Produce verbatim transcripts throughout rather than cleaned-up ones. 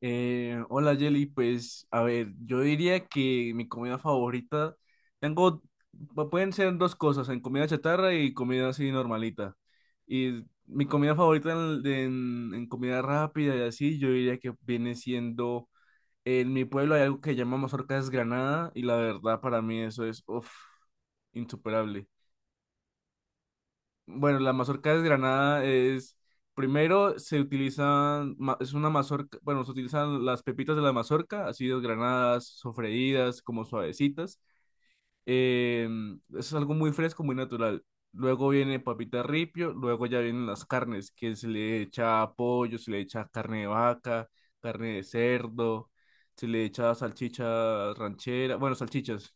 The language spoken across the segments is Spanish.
Eh, hola Jelly, pues a ver, yo diría que mi comida favorita, tengo, pu- pueden ser dos cosas, en comida chatarra y comida así normalita. Y mi comida favorita en, en- en comida rápida y así, yo diría que viene siendo, en mi pueblo hay algo que llamamos mazorca desgranada y la verdad para mí eso es, uff, insuperable. Bueno, la mazorca desgranada es, primero se utilizan, ma- es una mazorca, bueno, se utilizan las pepitas de la mazorca, así desgranadas, sofreídas, como suavecitas. Em, eso es algo muy fresco, muy natural. Luego viene papita ripio, luego ya vienen las carnes, que se le echa pollo, se le echa carne de vaca, carne de cerdo, se le echa salchicha ranchera, bueno, salchichas,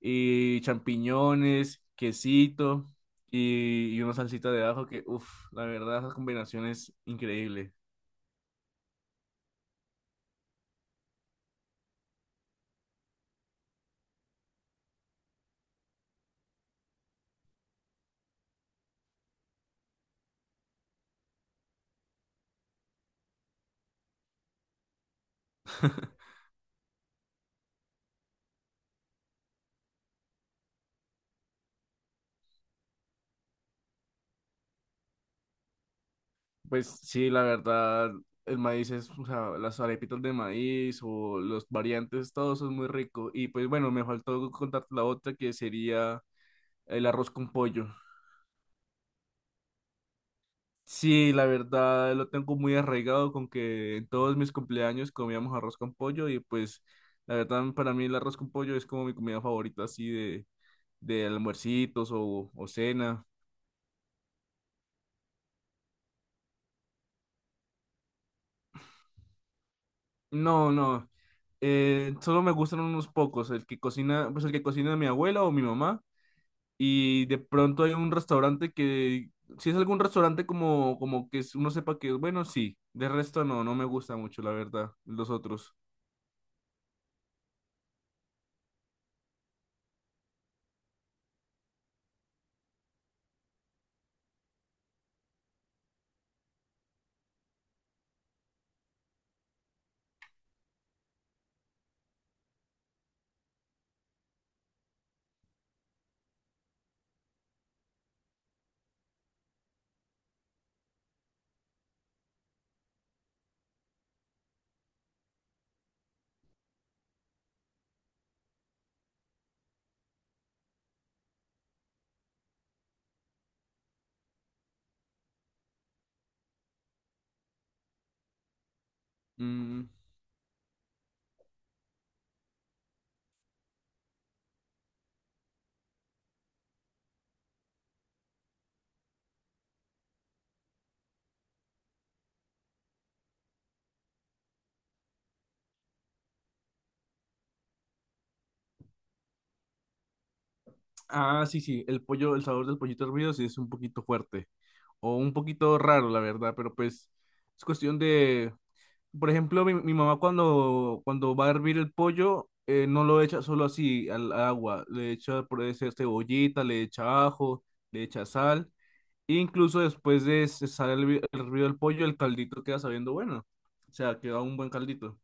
y champiñones, quesito y, y una salsita de ajo que, uff, la verdad, esa combinación es increíble. Pues sí, la verdad, el maíz es, o sea, las arepitas de maíz o los variantes, todo eso es muy rico. Y pues bueno, me faltó contarte la otra que sería el arroz con pollo. Sí, la verdad lo tengo muy arraigado con que en todos mis cumpleaños comíamos arroz con pollo y pues la verdad para mí el arroz con pollo es como mi comida favorita así de, de almuercitos o, o cena. No, no. Eh, solo me gustan unos pocos. El que cocina, pues el que cocina mi abuela o mi mamá. Y de pronto hay un restaurante que, si es algún restaurante como, como que uno sepa que es bueno, sí. De resto no, no me gusta mucho, la verdad, los otros. Mm, ah, sí, sí, el pollo, el sabor del pollito hervido sí es un poquito fuerte. O un poquito raro, la verdad, pero pues es cuestión de, por ejemplo, mi, mi mamá cuando, cuando va a hervir el pollo, eh, no lo echa solo así al agua, le echa por ese cebollita, le echa ajo, le echa sal, e incluso después de cesar el, vi- el hervido del pollo, el caldito queda sabiendo bueno, o sea, queda un buen caldito.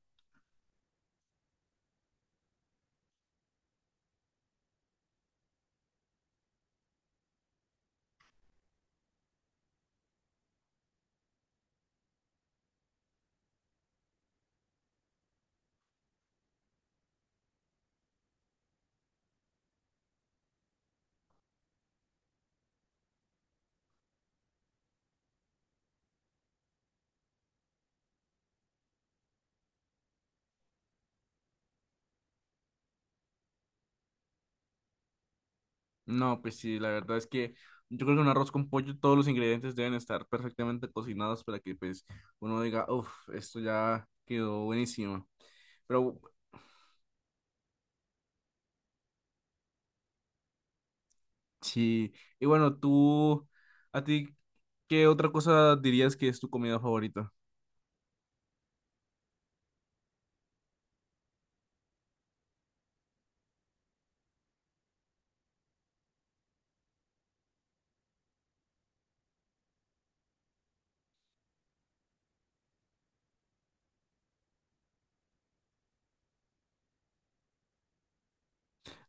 No, pues sí, la verdad es que yo creo que un arroz con pollo, todos los ingredientes deben estar perfectamente cocinados para que pues uno diga, uff, esto ya quedó buenísimo. Pero sí, y bueno, tú, ¿a ti qué otra cosa dirías que es tu comida favorita?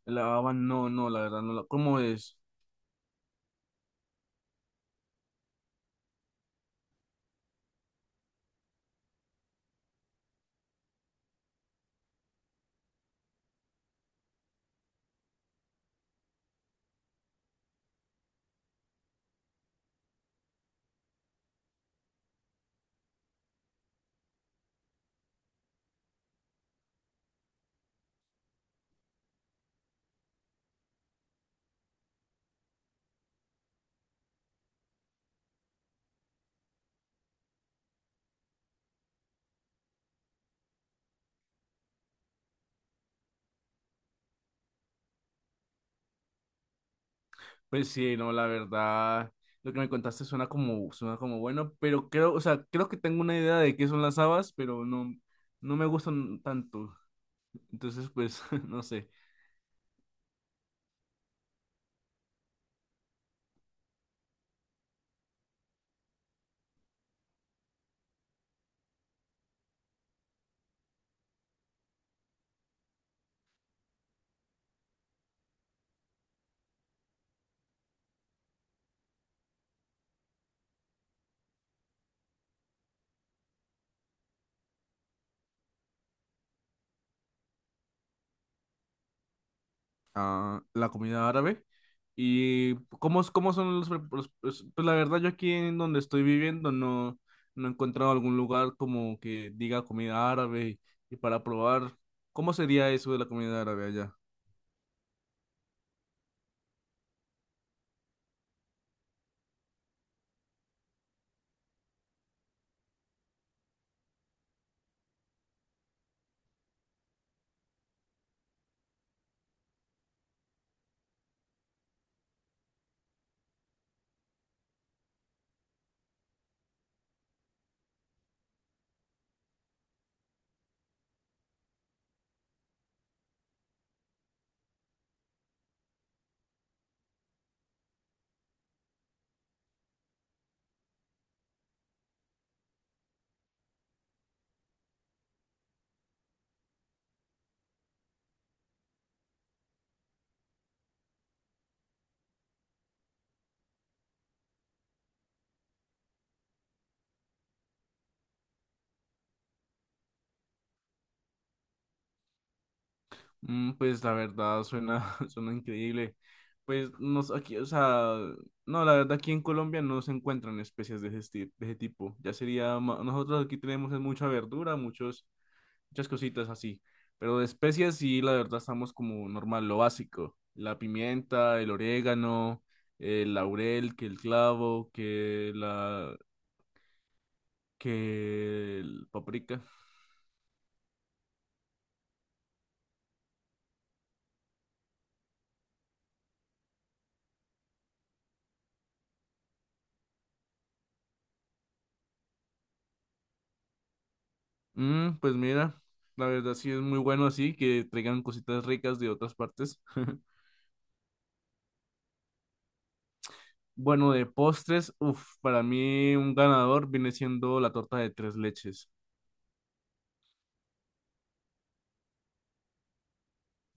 La baba, no, no, la verdad, no la, ¿cómo es? Pues sí, no, la verdad, lo que me contaste suena como, suena como bueno, pero creo, o sea, creo que tengo una idea de qué son las habas, pero no, no me gustan tanto, entonces, pues, no sé. A la comunidad árabe. ¿Y cómo, es- cómo son los, pre- los- los- Pues la verdad, yo aquí en donde estoy viviendo no, no he encontrado algún lugar como que diga comida árabe y, para probar, ¿cómo sería eso de la comida árabe allá? Mm, pues la verdad, suena, suena increíble. Pues no, sé, aquí, o sea, no, la verdad aquí en Colombia no se encuentran especies de ese, esti- de ese tipo. Ya sería, ma- nosotros aquí tenemos es mucha verdura, muchos muchas cositas así. Pero de especias sí, la verdad estamos como normal, lo básico. La pimienta, el orégano, el laurel, que el clavo, que la que el paprika. Mm, pues mira, la verdad sí es muy bueno así que traigan cositas ricas de otras partes. Bueno, de postres, uff, para mí un ganador viene siendo la torta de tres leches.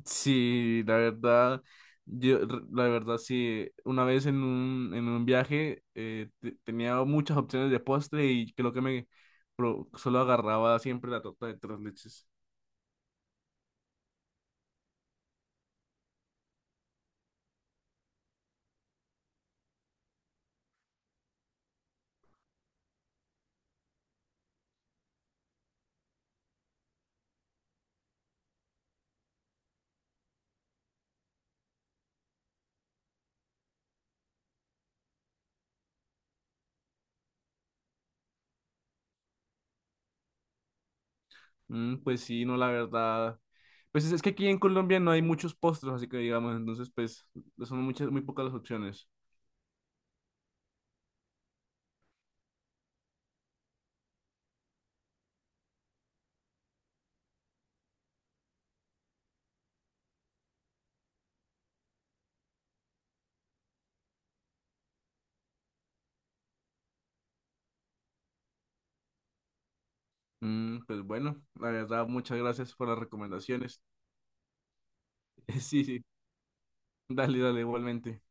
Sí, la verdad, yo, r- la verdad sí, una vez en un, en un viaje eh, te- tenía muchas opciones de postre y creo que me pro- solo agarraba siempre la torta de tres leches. Mm, pues sí, no, la verdad. Pues es, es que aquí en Colombia no hay muchos postres, así que digamos, entonces pues son muchas, muy pocas las opciones. Mm, pues bueno, la verdad, muchas gracias por las recomendaciones. Sí, sí, dale, dale, igualmente.